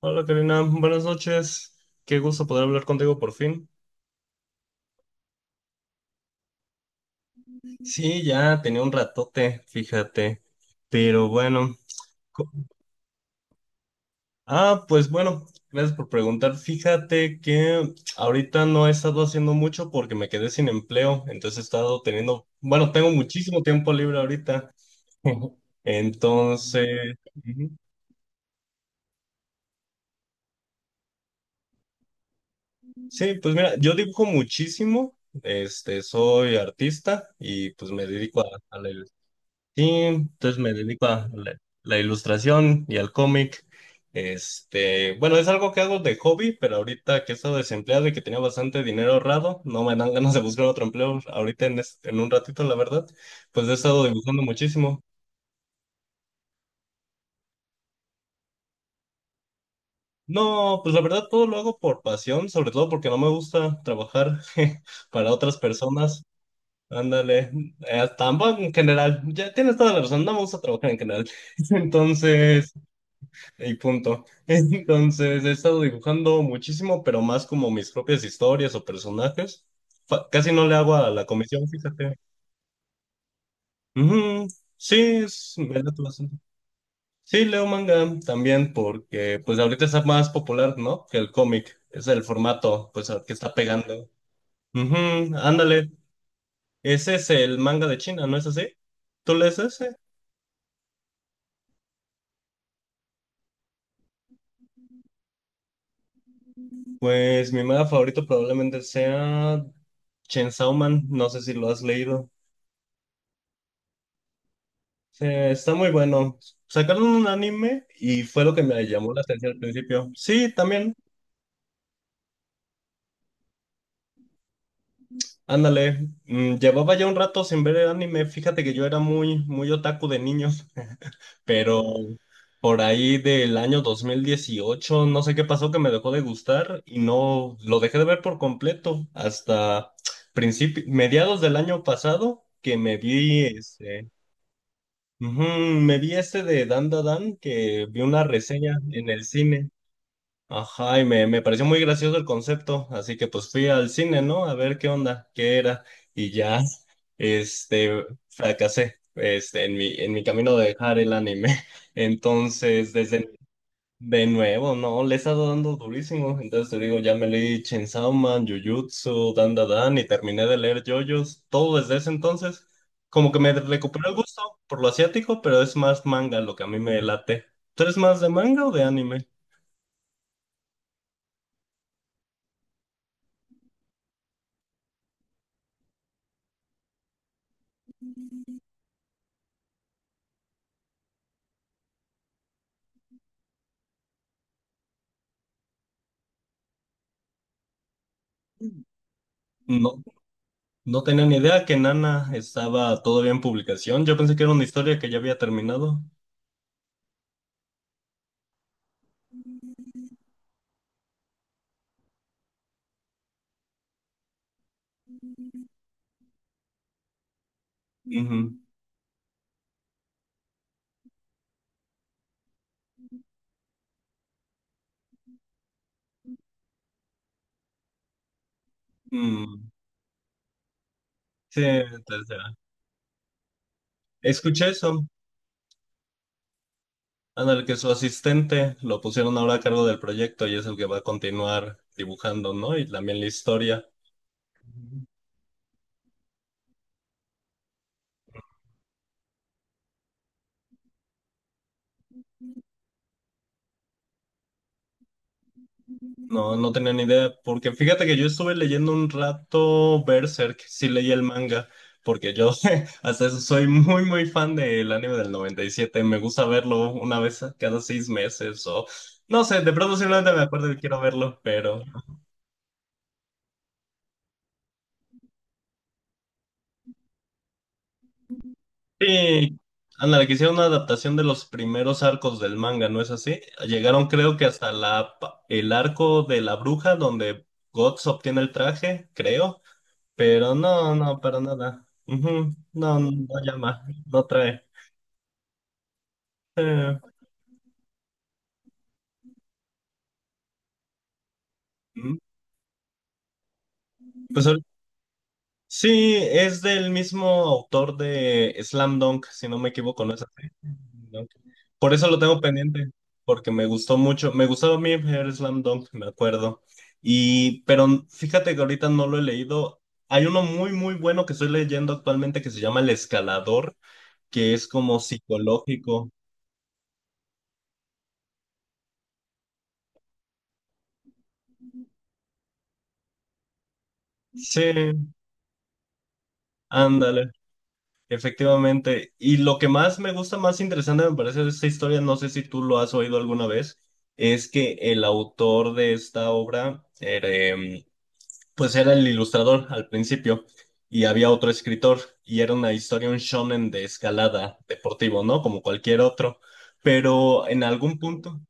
Hola Karina, buenas noches. Qué gusto poder hablar contigo por fin. Sí, ya tenía un ratote, fíjate. Pero bueno. co- Ah, pues bueno, gracias por preguntar. Fíjate que ahorita no he estado haciendo mucho porque me quedé sin empleo. Entonces he estado teniendo, bueno, tengo muchísimo tiempo libre ahorita. Entonces, ujú. Sí, pues mira, yo dibujo muchísimo. Este, soy artista y pues me dedico a la. Sí, entonces me dedico a la, la ilustración y al cómic. Este, bueno, es algo que hago de hobby, pero ahorita que he estado desempleado y que tenía bastante dinero ahorrado, no me dan ganas de buscar otro empleo ahorita en, en un ratito, la verdad. Pues he estado dibujando muchísimo. No, pues la verdad todo lo hago por pasión, sobre todo porque no me gusta trabajar para otras personas. Ándale, tampoco en general, ya tienes toda la razón, no me gusta trabajar en general. Entonces... Y punto. Entonces, he estado dibujando muchísimo, pero más como mis propias historias o personajes. Casi no le hago a la comisión, fíjate. Ujú. Sí, es, me late bastante. Sí, leo manga también porque pues ahorita está más popular, ¿no? Que el cómic. Es el formato, pues, al que está pegando. Ujú, ándale. Ese es el manga de China, ¿no es así? ¿Tú lees ese? Pues mi manga favorito probablemente sea Chainsaw Man. No sé si lo has leído. Sí, está muy bueno. Sacaron un anime y fue lo que me llamó la atención al principio. Sí, también. Ándale. Mm, llevaba ya un rato sin ver el anime. Fíjate que yo era muy, muy otaku de niño, pero por ahí del año 2018 no sé qué pasó que me dejó de gustar y no lo dejé de ver por completo hasta mediados del año pasado que me vi este, ujú, me vi este de Dan Da Dan que vi una reseña en el cine. Ajá, y me pareció muy gracioso el concepto, así que pues fui al cine, ¿no? A ver qué onda, qué era, y ya, este, fracasé, este, en mi camino de dejar el anime. Entonces, desde, de nuevo, ¿no? Le he estado dando durísimo, entonces te digo, ya me leí Chainsaw Man, Jujutsu, Dan Dan Dan, y terminé de leer JoJo's, todo desde ese entonces, como que me recuperé el gusto por lo asiático, pero es más manga lo que a mí me late. ¿Tú eres más de manga o de anime? No. No tenía ni idea que Nana estaba todavía en publicación. Yo pensé que era una historia que ya había terminado. Ujú. Mm, sí, tercera. Escuché eso, en el que su asistente lo pusieron ahora a cargo del proyecto y es el que va a continuar dibujando, ¿no? Y también la historia. No, no tenía ni idea, porque fíjate que yo estuve leyendo un rato Berserk, sí leí el manga, porque yo hasta eso soy muy, muy fan del anime del 97, me gusta verlo cada 6 meses o no sé, de pronto simplemente me acuerdo que quiero verlo, pero... Sí, ándale, que hicieron una adaptación de los primeros arcos del manga, ¿no es así? Llegaron creo que hasta el arco de la bruja donde Guts obtiene el traje, creo. Pero no, no, para nada. Ujú. No, no, no llama, no trae. Eh, mm, pues ahorita- sí, es del mismo autor de Slam Dunk, si no me equivoco, ¿no es así? Dunk. Por eso lo tengo pendiente, porque me gustó mucho, me gustaba a mí ver Slam Dunk, me acuerdo. Y, pero fíjate que ahorita no lo he leído. Hay uno muy, muy bueno que estoy leyendo actualmente que se llama El Escalador, que es como psicológico. Sí, ándale. Efectivamente. Y lo que más me gusta, más interesante me parece de esta historia, no sé si tú lo has oído alguna vez, es que el autor de esta obra era, pues era el ilustrador al principio y había otro escritor y era una historia, un shonen de escalada deportivo, ¿no? Como cualquier otro. Pero en algún punto,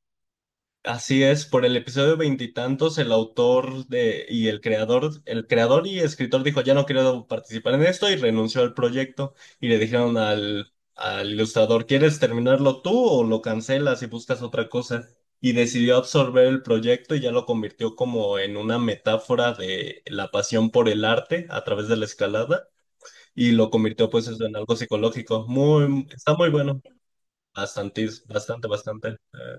así es, por el episodio veintitantos, el autor de, y el creador y escritor dijo, ya no quiero participar en esto y renunció al proyecto. Y le dijeron al ilustrador, ¿quieres terminarlo tú o lo cancelas y buscas otra cosa? Y decidió absorber el proyecto y ya lo convirtió como en una metáfora de la pasión por el arte a través de la escalada y lo convirtió pues eso en algo psicológico. Muy, está muy bueno. Bastante, bastante, bastante.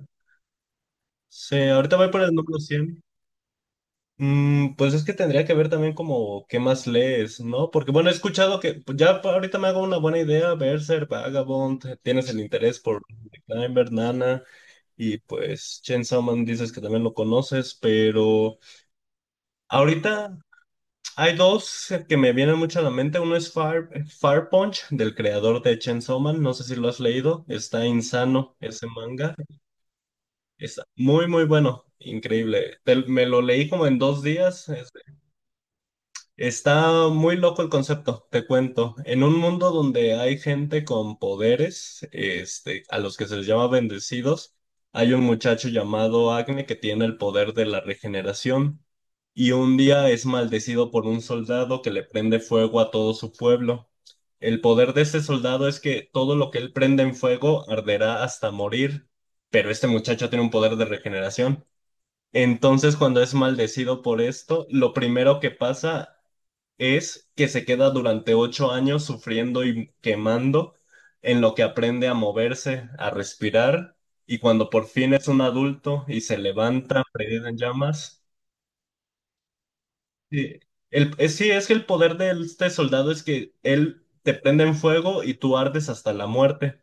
Sí, ahorita voy por el número cien. Mm, pues es que tendría que ver también como qué más lees, ¿no? Porque bueno, he escuchado que pues, ya ahorita me hago una buena idea, Berserk, Vagabond, tienes el interés por The Climber, Nana, y pues Chainsaw Man dices que también lo conoces, pero ahorita hay dos que me vienen mucho a la mente, uno es Fire Punch, del creador de Chainsaw Man, no sé si lo has leído, está insano ese manga, está muy muy bueno, increíble. Me lo leí como en 2 días. Está muy loco el concepto, te cuento. En un mundo donde hay gente con poderes, este, a los que se les llama bendecidos, hay un muchacho llamado Agne que tiene el poder de la regeneración y un día es maldecido por un soldado que le prende fuego a todo su pueblo. El poder de ese soldado es que todo lo que él prende en fuego arderá hasta morir, pero este muchacho tiene un poder de regeneración. Entonces, cuando es maldecido por esto, lo primero que pasa es que se queda durante 8 años sufriendo y quemando en lo que aprende a moverse, a respirar, y cuando por fin es un adulto y se levanta, prendido en llamas. Sí, sí, es que el poder de este soldado es que él te prende en fuego y tú ardes hasta la muerte,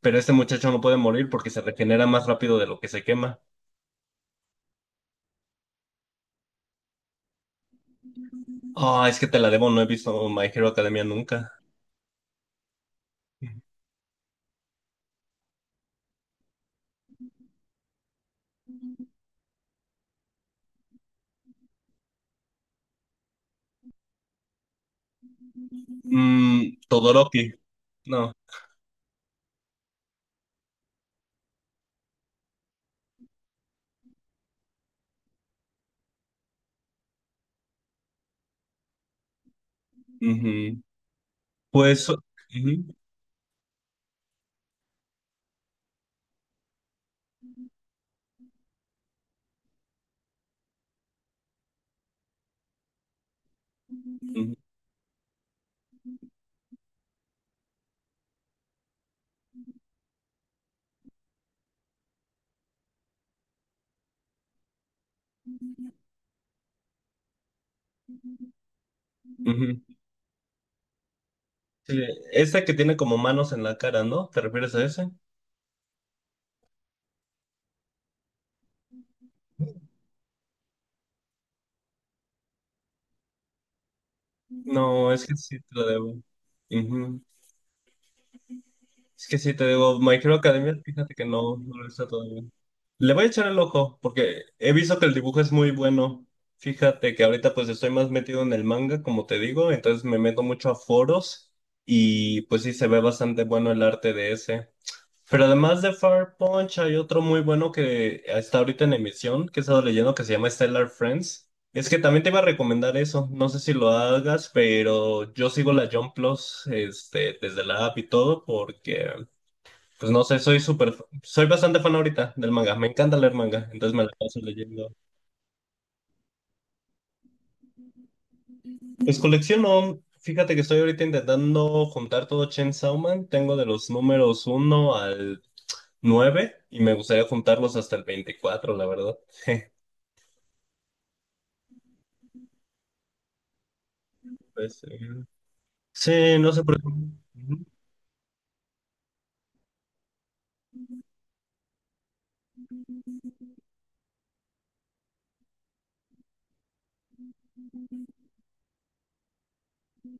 pero este muchacho no puede morir porque se regenera más rápido de lo que se quema. Ah, es que te la debo, no he visto My Hero Academia nunca. Mm, Todoroki, no. Ujú. Pues... ujú. Ujú, ujú. Sí, esa que tiene como manos en la cara, ¿no? ¿Te refieres a ese? No, es que sí te lo debo. Ujú. Es que sí, te digo, My Hero Academia, fíjate que no, no lo he visto todavía. Le voy a echar el ojo, porque he visto que el dibujo es muy bueno. Fíjate que ahorita pues estoy más metido en el manga, como te digo, entonces me meto mucho a foros y pues sí se ve bastante bueno el arte de ese. Pero además de Fire Punch hay otro muy bueno que está ahorita en emisión, que he estado leyendo, que se llama Stellar Friends. Es que también te iba a recomendar eso, no sé si lo hagas, pero yo sigo la Jump Plus, este, desde la app y todo, porque, pues no sé, soy súper, soy bastante fan ahorita del manga, me encanta leer manga, entonces me la paso leyendo. Pues colecciono, fíjate que estoy ahorita intentando juntar todo Chainsaw Man, tengo de los números uno al 9 y me gustaría juntarlos hasta el 24 la verdad. Pues, sí, no sé por qué. Ujú.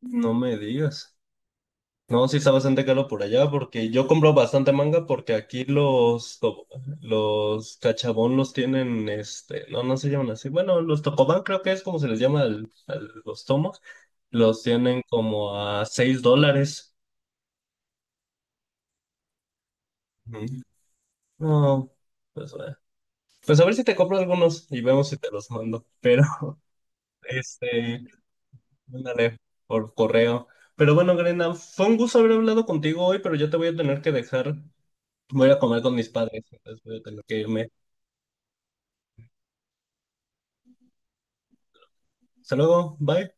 No me digas. No, sí está bastante caro por allá porque yo compro bastante manga porque aquí los cachabón los tienen, este, no, no se llaman así. Bueno, los tocobán creo que es como se les llama los tomos. Los tienen como a $6. Ujú. No, pues, pues a ver si te compro algunos y vemos si te los mando. Pero, este, mándale por correo. Pero bueno, Grena, fue un gusto haber hablado contigo hoy, pero yo te voy a tener que dejar. Voy a ir a comer con mis padres, entonces voy a tener que irme. Hasta luego, bye.